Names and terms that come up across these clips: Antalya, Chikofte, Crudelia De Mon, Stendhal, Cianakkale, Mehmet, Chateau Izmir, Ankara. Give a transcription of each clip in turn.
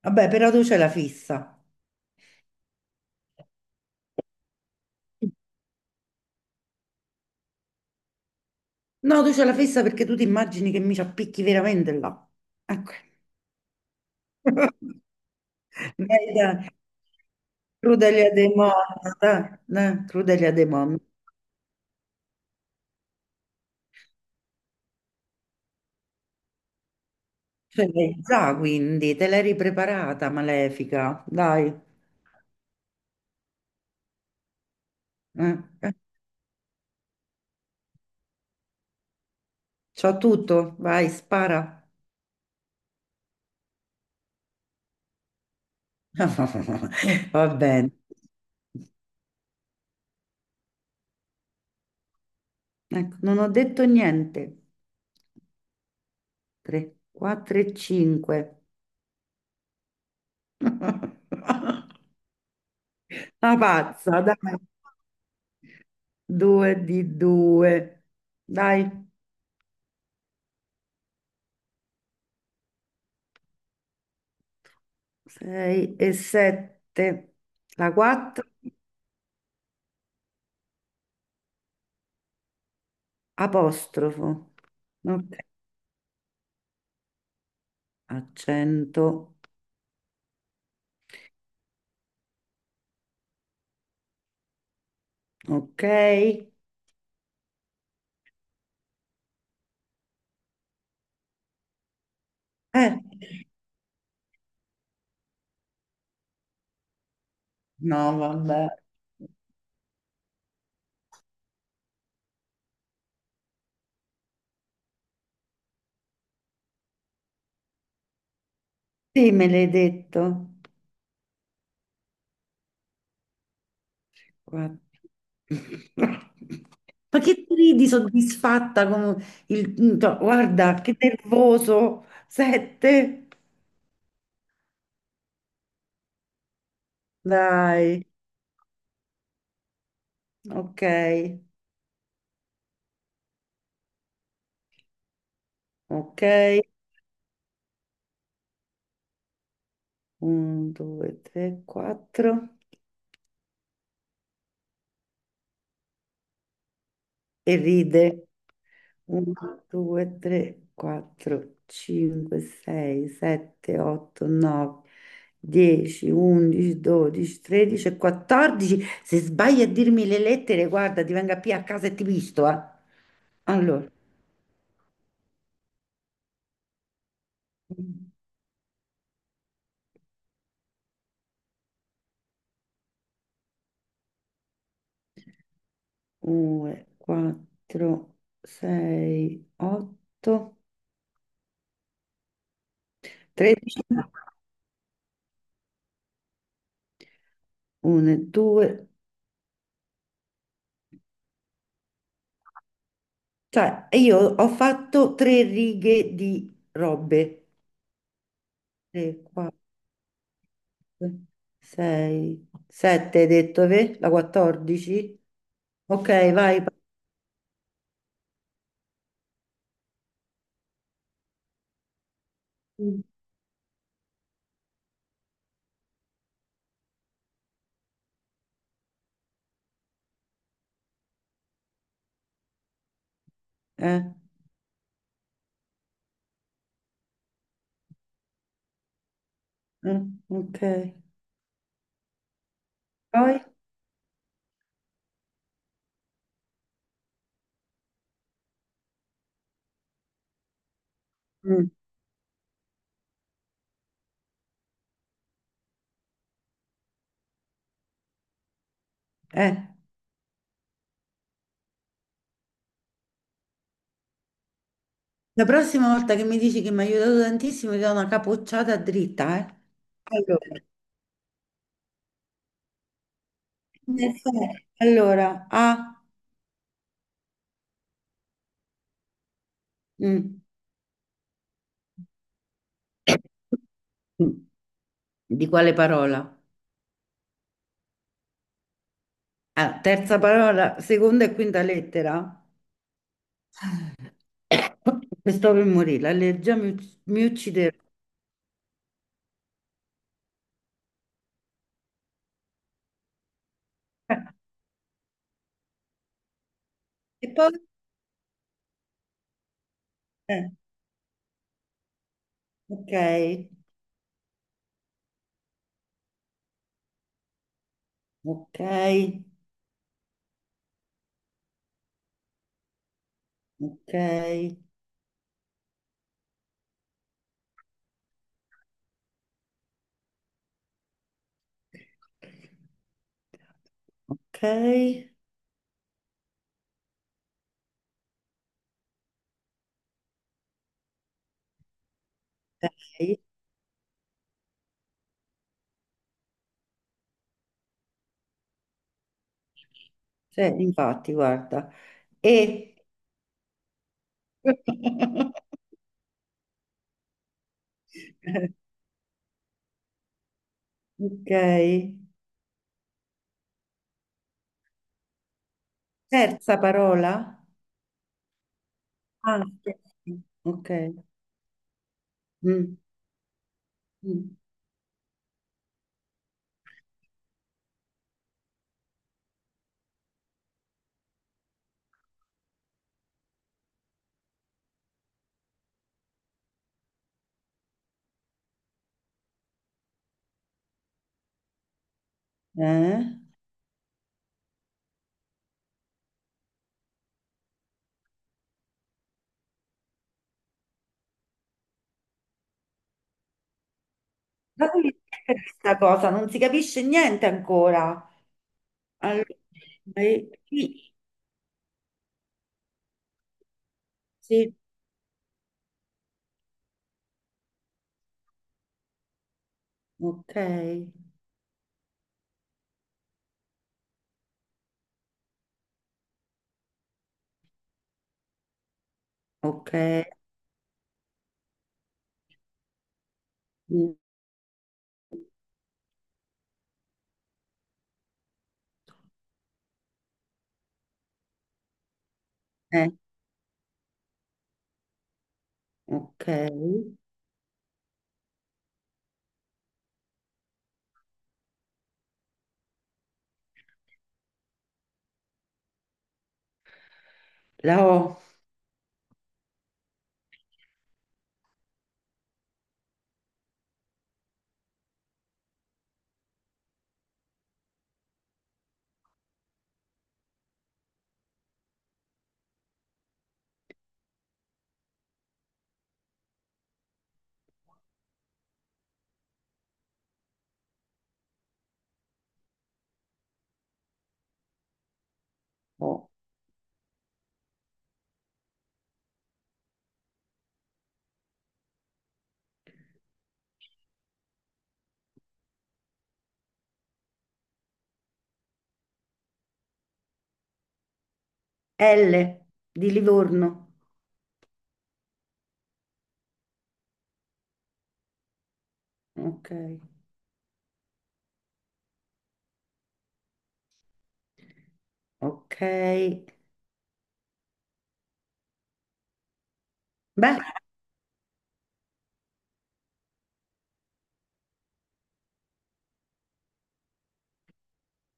Vabbè, però tu c'è la fissa. No, tu c'è la fissa perché tu ti immagini che mi ci appicchi veramente là. Ecco. Dai, dai, Crudelia De Mon, dai, dai, Crudelia De Mon. Ce l'hai già, quindi, te l'eri preparata, malefica. Dai. Eh. C'ho tutto, vai, spara. Va bene. Ecco, non ho detto niente. 3, 4 e 5. Una pazza, dai. Due di due. Dai, sei e sette. La quattro, apostrofo. Ok, accento. Ok. No, vabbè. Sì, me l'hai detto. Quattro. Ma che ti ridi soddisfatta. Il... no, guarda, che nervoso. Sette. Dai. Ok, ok. Un, due, tre, quattro. E ride. Uno, due, tre, quattro, cinque, sei, sette, otto, nove, dieci, undici, dodici, tredici e quattordici. Se sbagli a dirmi le lettere, guarda, ti venga qui a casa e ti visto, eh. Allora, due, quattro, sei, otto, tredici. 1, 2. Cioè, io ho fatto tre righe di robe. 3, 4, 6, 7, hai detto, ve? La 14? Ok, vai. Parti. Eh, mm, ok. Poi? Mm, eh. La prossima volta che mi dici che mi ha aiutato tantissimo, ti do una capocciata dritta, eh. Allora, nel senso- allora, A, mm. Di quale parola? Ah, terza parola, seconda e quinta lettera? E stavo per morire, l'allergia mi uccideva. E poi, eh, ok, ok, ok, ok, ok. Cioè, infatti, guarda, e... Ok, terza parola? Ah, sì. Ok. Mm, mm. Eh? Ma come è questa cosa? Non si capisce niente ancora. Allora, sì, sì, ok. Ok, mm, eh, ok, la O. L di Livorno, ok, ok, beh,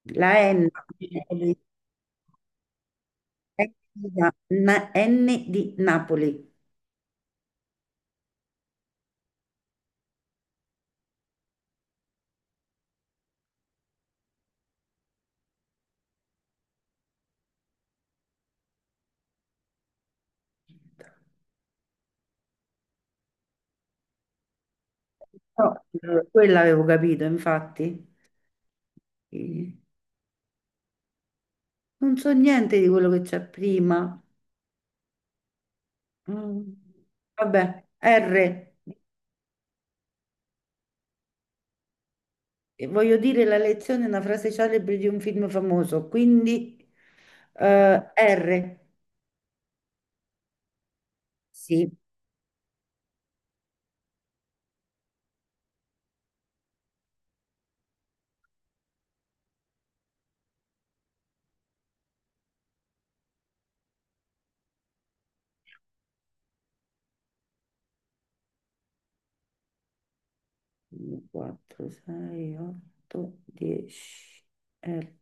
la N, N N di Napoli. No, quella avevo capito, infatti. Eh, non so niente di quello che c'è prima. Mm, vabbè, R. E voglio dire, la lezione è una frase celebre di un film famoso, quindi R. Sì, 4, 6, 8, 10, R.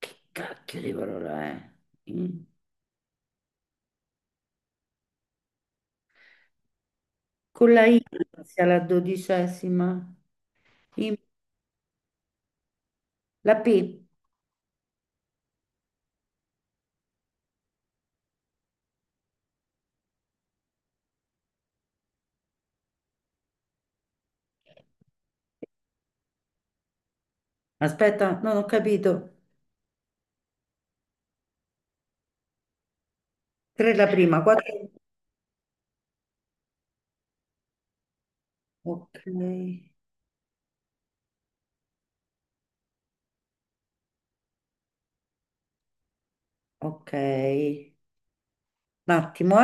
Che cacchio di parola è? Mm. Con la I inizia la dodicesima. I- la P. Aspetta, non ho capito. 3 la prima, 4. Ok, ok. Un attimo,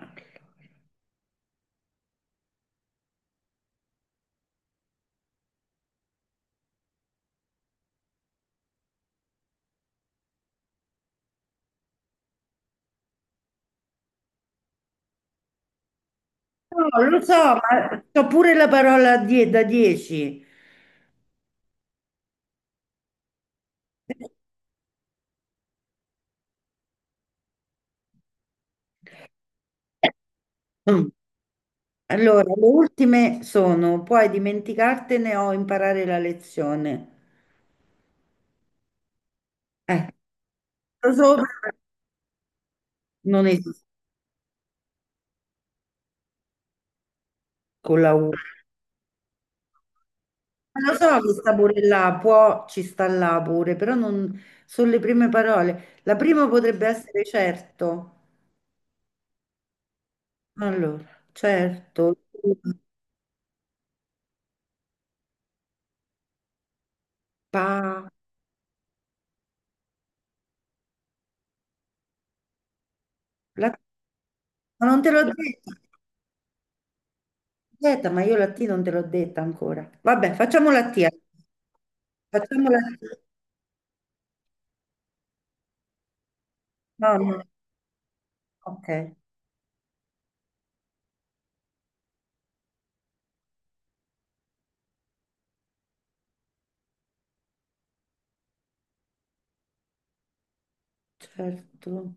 eh. No, lo so, ma c'ho pure la parola da 10. Allora, le ultime sono, puoi dimenticartene o imparare la lezione. Eh, lo so, non esiste con la U. Lo so che sta pure là, può, ci sta là pure, però non sono le prime parole. La prima potrebbe essere certo. Allora, certo, pa, la- ma non te l'ho detto. Aspetta, ma io la T non te l'ho detta ancora. Vabbè, facciamo la T, allora. Facciamo la T. No, no. Ok, certo.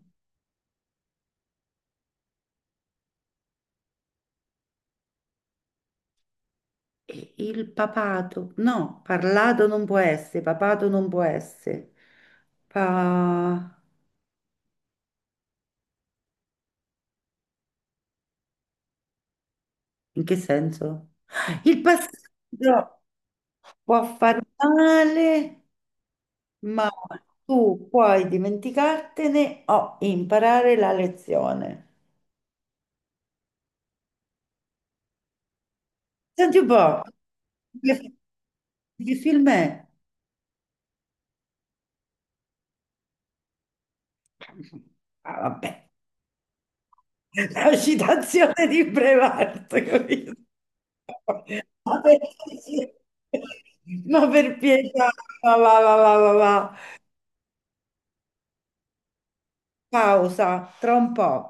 E il papato. No, parlato non può essere, papato non può essere. Pa... In che senso? Il passaggio può far male, ma tu puoi dimenticartene o imparare la lezione. Senti un po', che, che film è? Ah, vabbè, la citazione di Brevard, capito? Ma per ma per pietà, va, va, va, va, va, va. Pausa, tra un po'.